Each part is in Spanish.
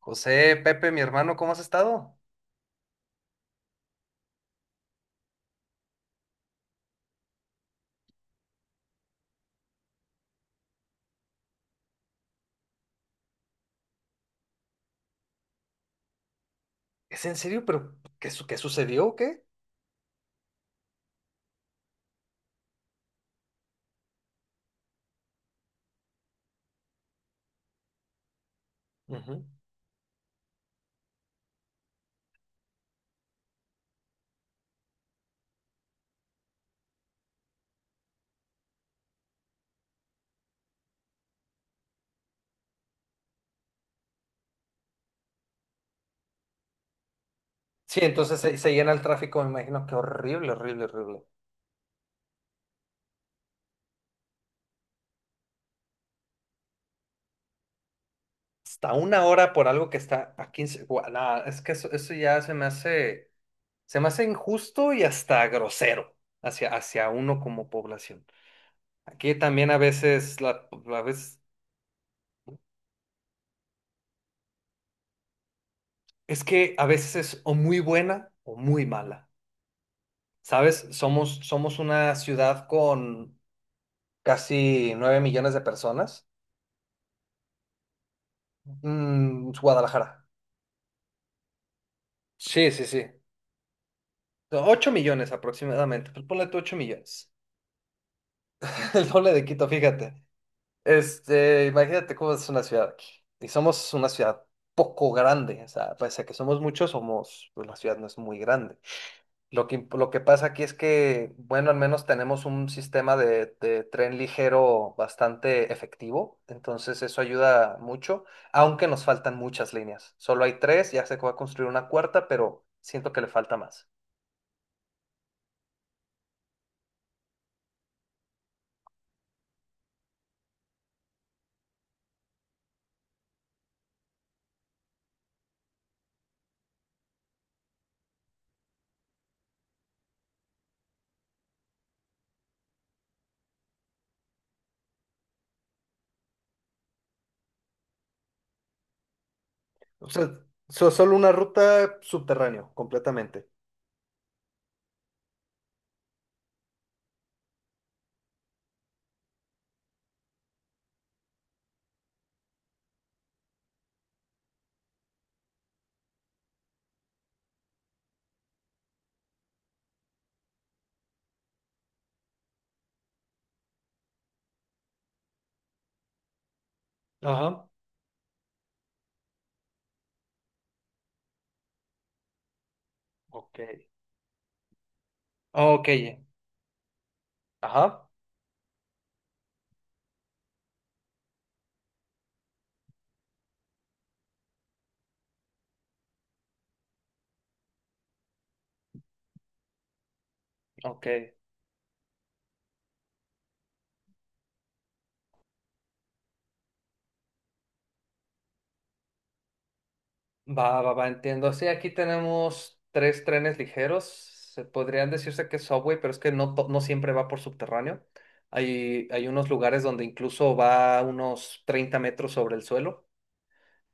José, Pepe, mi hermano, ¿cómo has estado? ¿Es en serio? ¿Pero qué sucedió o qué? Ujú. Sí, entonces se llena el tráfico, me imagino que horrible, horrible, horrible. Hasta una hora por algo que está a 15. Nah, es que eso ya se me hace injusto y hasta grosero hacia, hacia uno como población. Aquí también a veces, la, a veces, es que a veces es o muy buena o muy mala. ¿Sabes? Somos, somos una ciudad con casi 9 millones de personas. Guadalajara. Sí, sí, sí. 8 millones aproximadamente. Pues ponle tú 8 millones. El doble de Quito, fíjate. Este, imagínate cómo es una ciudad aquí. Y somos una ciudad poco grande. O sea, pese a que somos muchos, somos, pues la ciudad no es muy grande. Lo que pasa aquí es que, bueno, al menos tenemos un sistema de tren ligero bastante efectivo, entonces eso ayuda mucho, aunque nos faltan muchas líneas. Solo hay tres, ya se va a construir una cuarta, pero siento que le falta más. O sea, solo una ruta subterránea, completamente. Ajá. Ok. Ok. Ajá. Ok. Va, va, va, entiendo. Sí, aquí tenemos tres trenes ligeros. Se podrían decirse que es subway, pero es que no, no siempre va por subterráneo. Hay unos lugares donde incluso va unos 30 metros sobre el suelo.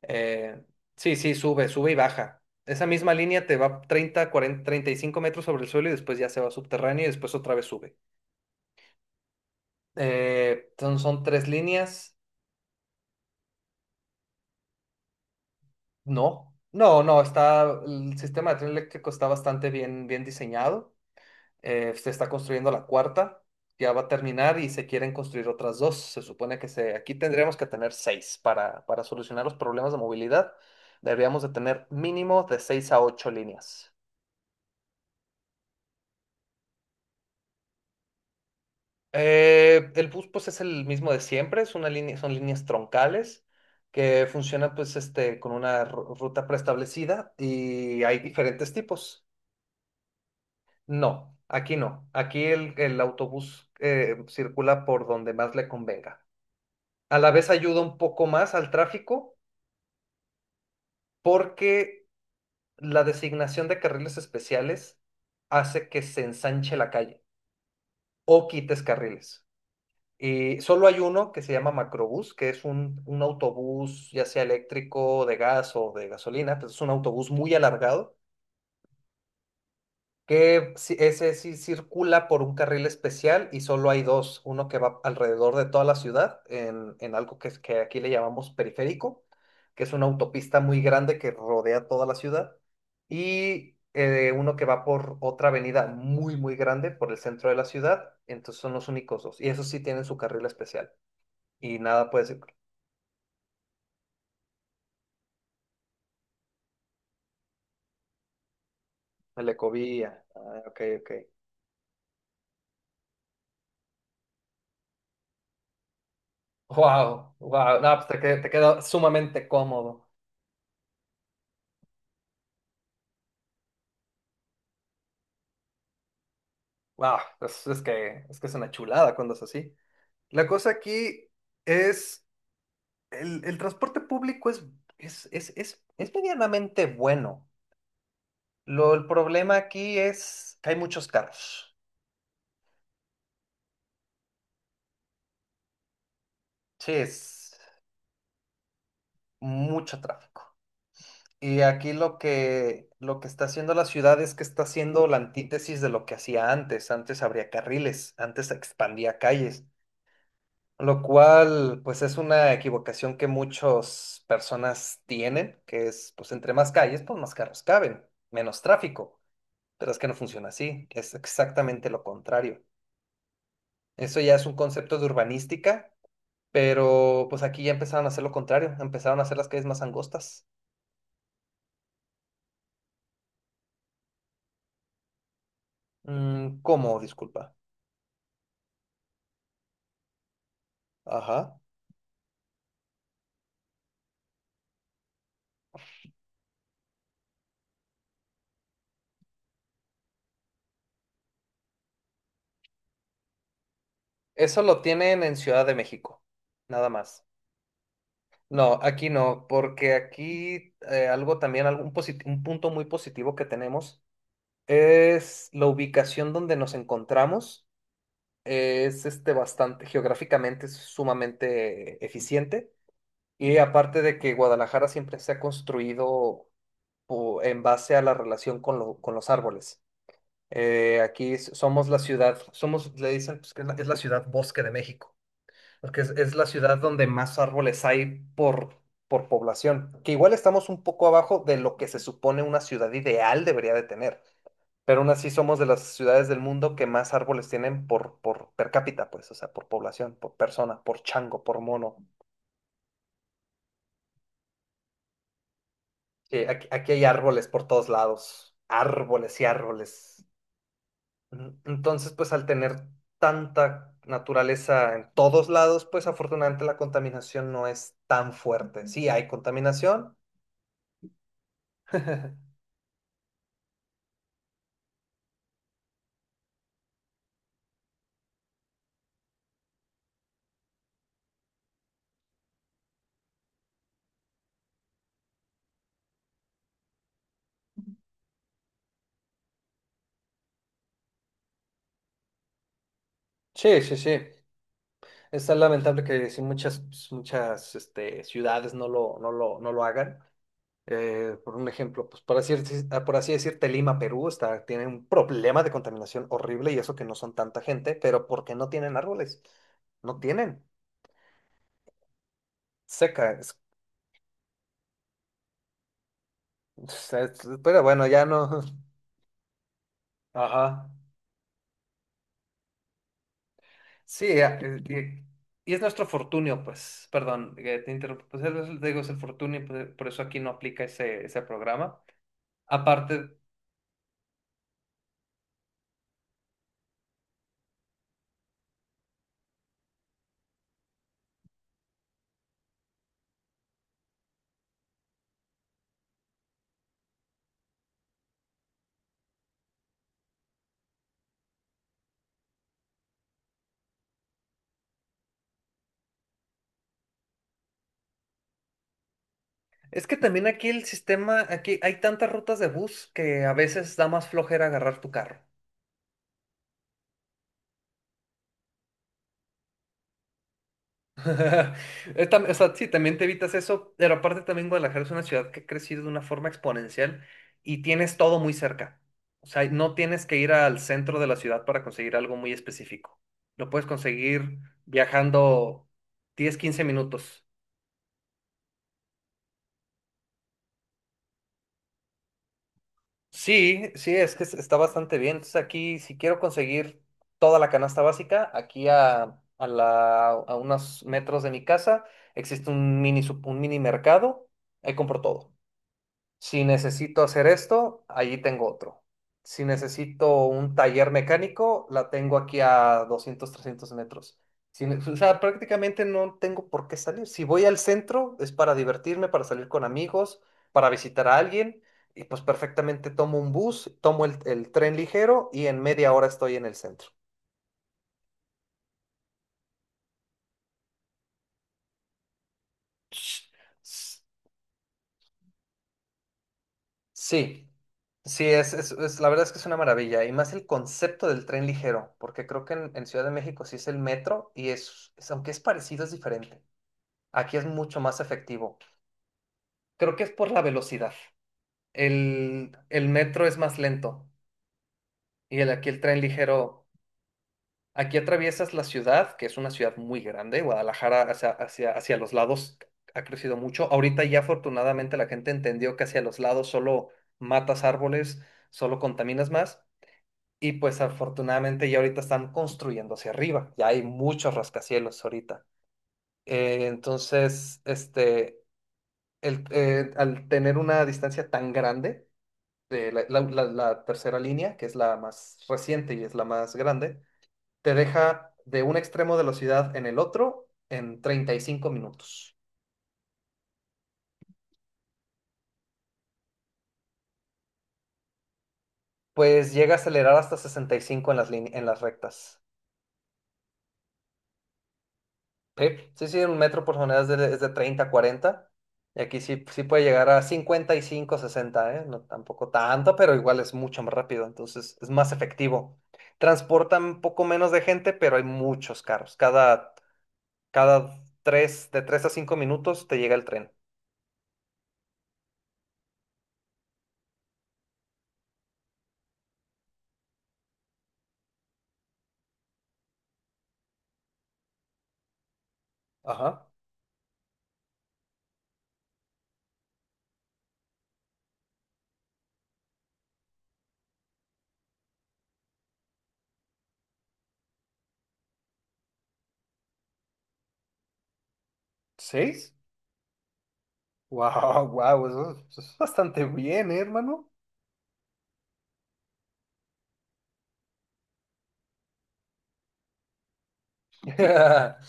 Eh, sí, sí, sube, sube y baja. Esa misma línea te va 30 40 35 metros sobre el suelo y después ya se va subterráneo y después otra vez sube. Son, son tres líneas. No, no, no, está, el sistema de tren eléctrico está bastante bien, bien diseñado. Se está construyendo la cuarta, ya va a terminar y se quieren construir otras dos. Se supone que se, aquí tendríamos que tener seis para solucionar los problemas de movilidad. Deberíamos de tener mínimo de seis a ocho líneas. El bus pues es el mismo de siempre, es una línea, son líneas troncales que funcionan pues este, con una ruta preestablecida y hay diferentes tipos. No, aquí no. Aquí el autobús circula por donde más le convenga. A la vez ayuda un poco más al tráfico porque la designación de carriles especiales hace que se ensanche la calle o quites carriles. Y solo hay uno que se llama macrobús, que es un autobús ya sea eléctrico, de gas o de gasolina, pues es un autobús muy alargado que ese sí circula por un carril especial y solo hay dos, uno que va alrededor de toda la ciudad en algo que, que aquí le llamamos periférico, que es una autopista muy grande que rodea toda la ciudad, y uno que va por otra avenida muy, muy grande por el centro de la ciudad, entonces son los únicos dos, y esos sí tienen su carril especial, y nada, pues el Ecovía, ah, ok, ok. Wow, wow, no, pues te, te queda sumamente cómodo. Wow, es que, es que es una chulada cuando es así. La cosa aquí es, el transporte público es medianamente bueno. Lo, el problema aquí es que hay muchos carros. Sí, es mucho tráfico. Y aquí lo que está haciendo la ciudad es que está haciendo la antítesis de lo que hacía antes. Antes abría carriles, antes expandía calles. Lo cual, pues es una equivocación que muchas personas tienen, que es, pues entre más calles, pues más carros caben, menos tráfico. Pero es que no funciona así, es exactamente lo contrario. Eso ya es un concepto de urbanística, pero pues aquí ya empezaron a hacer lo contrario, empezaron a hacer las calles más angostas. Mm, ¿cómo? Disculpa. Ajá. Eso lo tienen en Ciudad de México, nada más. No, aquí no, porque aquí algo también, un punto muy positivo que tenemos es la ubicación donde nos encontramos. Es este bastante, geográficamente es sumamente eficiente. Y aparte de que Guadalajara siempre se ha construido en base a la relación con, con los árboles. Aquí somos la ciudad, somos, le dicen pues, que es la ciudad bosque de México, porque es la ciudad donde más árboles hay por población, que igual estamos un poco abajo de lo que se supone una ciudad ideal debería de tener pero aún así somos de las ciudades del mundo que más árboles tienen por per cápita, pues, o sea, por población, por persona, por chango, por mono. Aquí, aquí hay árboles por todos lados, árboles y árboles. Ujú. Entonces, pues al tener tanta naturaleza en todos lados, pues afortunadamente la contaminación no es tan fuerte. Sí, hay contaminación. Sí, sí, sí. Es tan lamentable que sí muchas, muchas este, ciudades no lo hagan. Por un ejemplo, pues por así decirte, Lima, Perú, está, tiene un problema de contaminación horrible y eso que no son tanta gente, pero porque no tienen árboles, no tienen, seca, es- pero bueno, ya no. Ajá. Sí, ya, y es nuestro fortunio, pues, perdón, te interrumpo, pues te digo, es el fortunio, pues, por eso aquí no aplica ese, ese programa. Aparte, es que también aquí el sistema, aquí hay tantas rutas de bus que a veces da más flojera agarrar tu carro. O sea, sí, también te evitas eso, pero aparte también Guadalajara es una ciudad que ha crecido de una forma exponencial y tienes todo muy cerca. O sea, no tienes que ir al centro de la ciudad para conseguir algo muy específico. Lo puedes conseguir viajando 10, 15 minutos. Sí, sí, es que está bastante bien. Entonces aquí, si quiero conseguir toda la canasta básica, aquí a, la, a unos metros de mi casa existe un un mini mercado, ahí compro todo. Si necesito hacer esto, allí tengo otro. Si necesito un taller mecánico, la tengo aquí a 200 300 metros. Si ne- O sea, prácticamente no tengo por qué salir. Si voy al centro, es para divertirme, para salir con amigos, para visitar a alguien, y pues perfectamente tomo un bus, tomo el tren ligero y en media hora estoy en el centro. Sí, sí, es, la verdad es que es una maravilla. Y más el concepto del tren ligero, porque creo que en Ciudad de México sí es el metro y es, aunque es parecido, es diferente. Aquí es mucho más efectivo. Creo que es por la velocidad. El metro es más lento y el, aquí el tren ligero, aquí atraviesas la ciudad, que es una ciudad muy grande. Guadalajara hacia, hacia, hacia los lados ha crecido mucho. Ahorita ya afortunadamente la gente entendió que hacia los lados solo matas árboles, solo contaminas más. Y pues afortunadamente ya ahorita están construyendo hacia arriba, ya hay muchos rascacielos ahorita. Entonces, este, el, al tener una distancia tan grande, de la, la tercera línea, que es la más reciente y es la más grande, te deja de un extremo de la ciudad en el otro en 35 minutos. Pues llega a acelerar hasta 65 en las, en las rectas. Sí, sí, sí, un metro por tonelada es de 30 a 40. Y aquí sí, sí puede llegar a 55, 60, ¿eh? No tampoco tanto, pero igual es mucho más rápido. Entonces es más efectivo. Transportan un poco menos de gente, pero hay muchos carros. Cada, cada 3 de 3 a 5 minutos te llega el tren. Ajá. ¿Seis? Wow, wow, eso es bastante bien, ¿eh, hermano?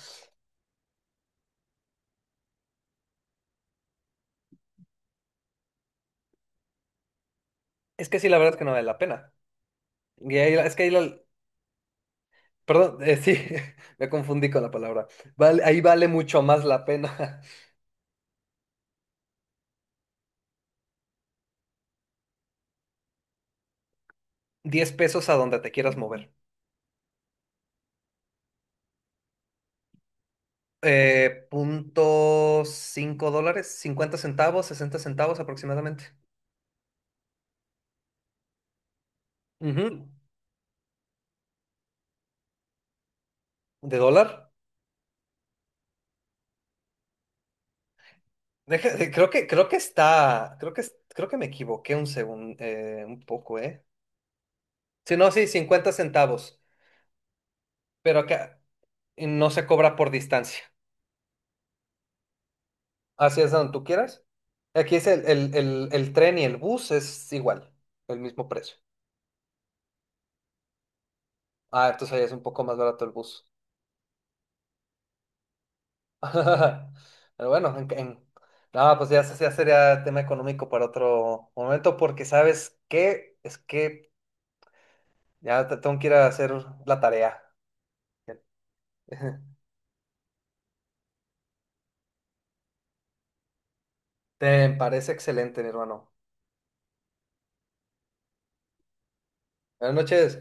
Es que sí, la verdad es que no vale la pena. Es que ahí la, perdón, sí, me confundí con la palabra. Vale, ahí vale mucho más la pena. 10 pesos a donde te quieras mover. Punto cinco dólares, 50 centavos, 60 centavos aproximadamente. Ujú. ¿De dólar? Creo que, creo que está, creo que, creo que me equivoqué un segundo, un poco, ¿eh? Sí, no, sí, 50 centavos, pero acá no se cobra por distancia. Así es donde tú quieras. Aquí es el tren y el bus, es igual, el mismo precio. Ah, entonces ahí es un poco más barato el bus. Pero bueno, en- no, pues ya, ya sería tema económico para otro momento, porque ¿sabes qué? Es que ya tengo que ir a hacer la tarea. Te parece excelente, mi hermano. Buenas noches.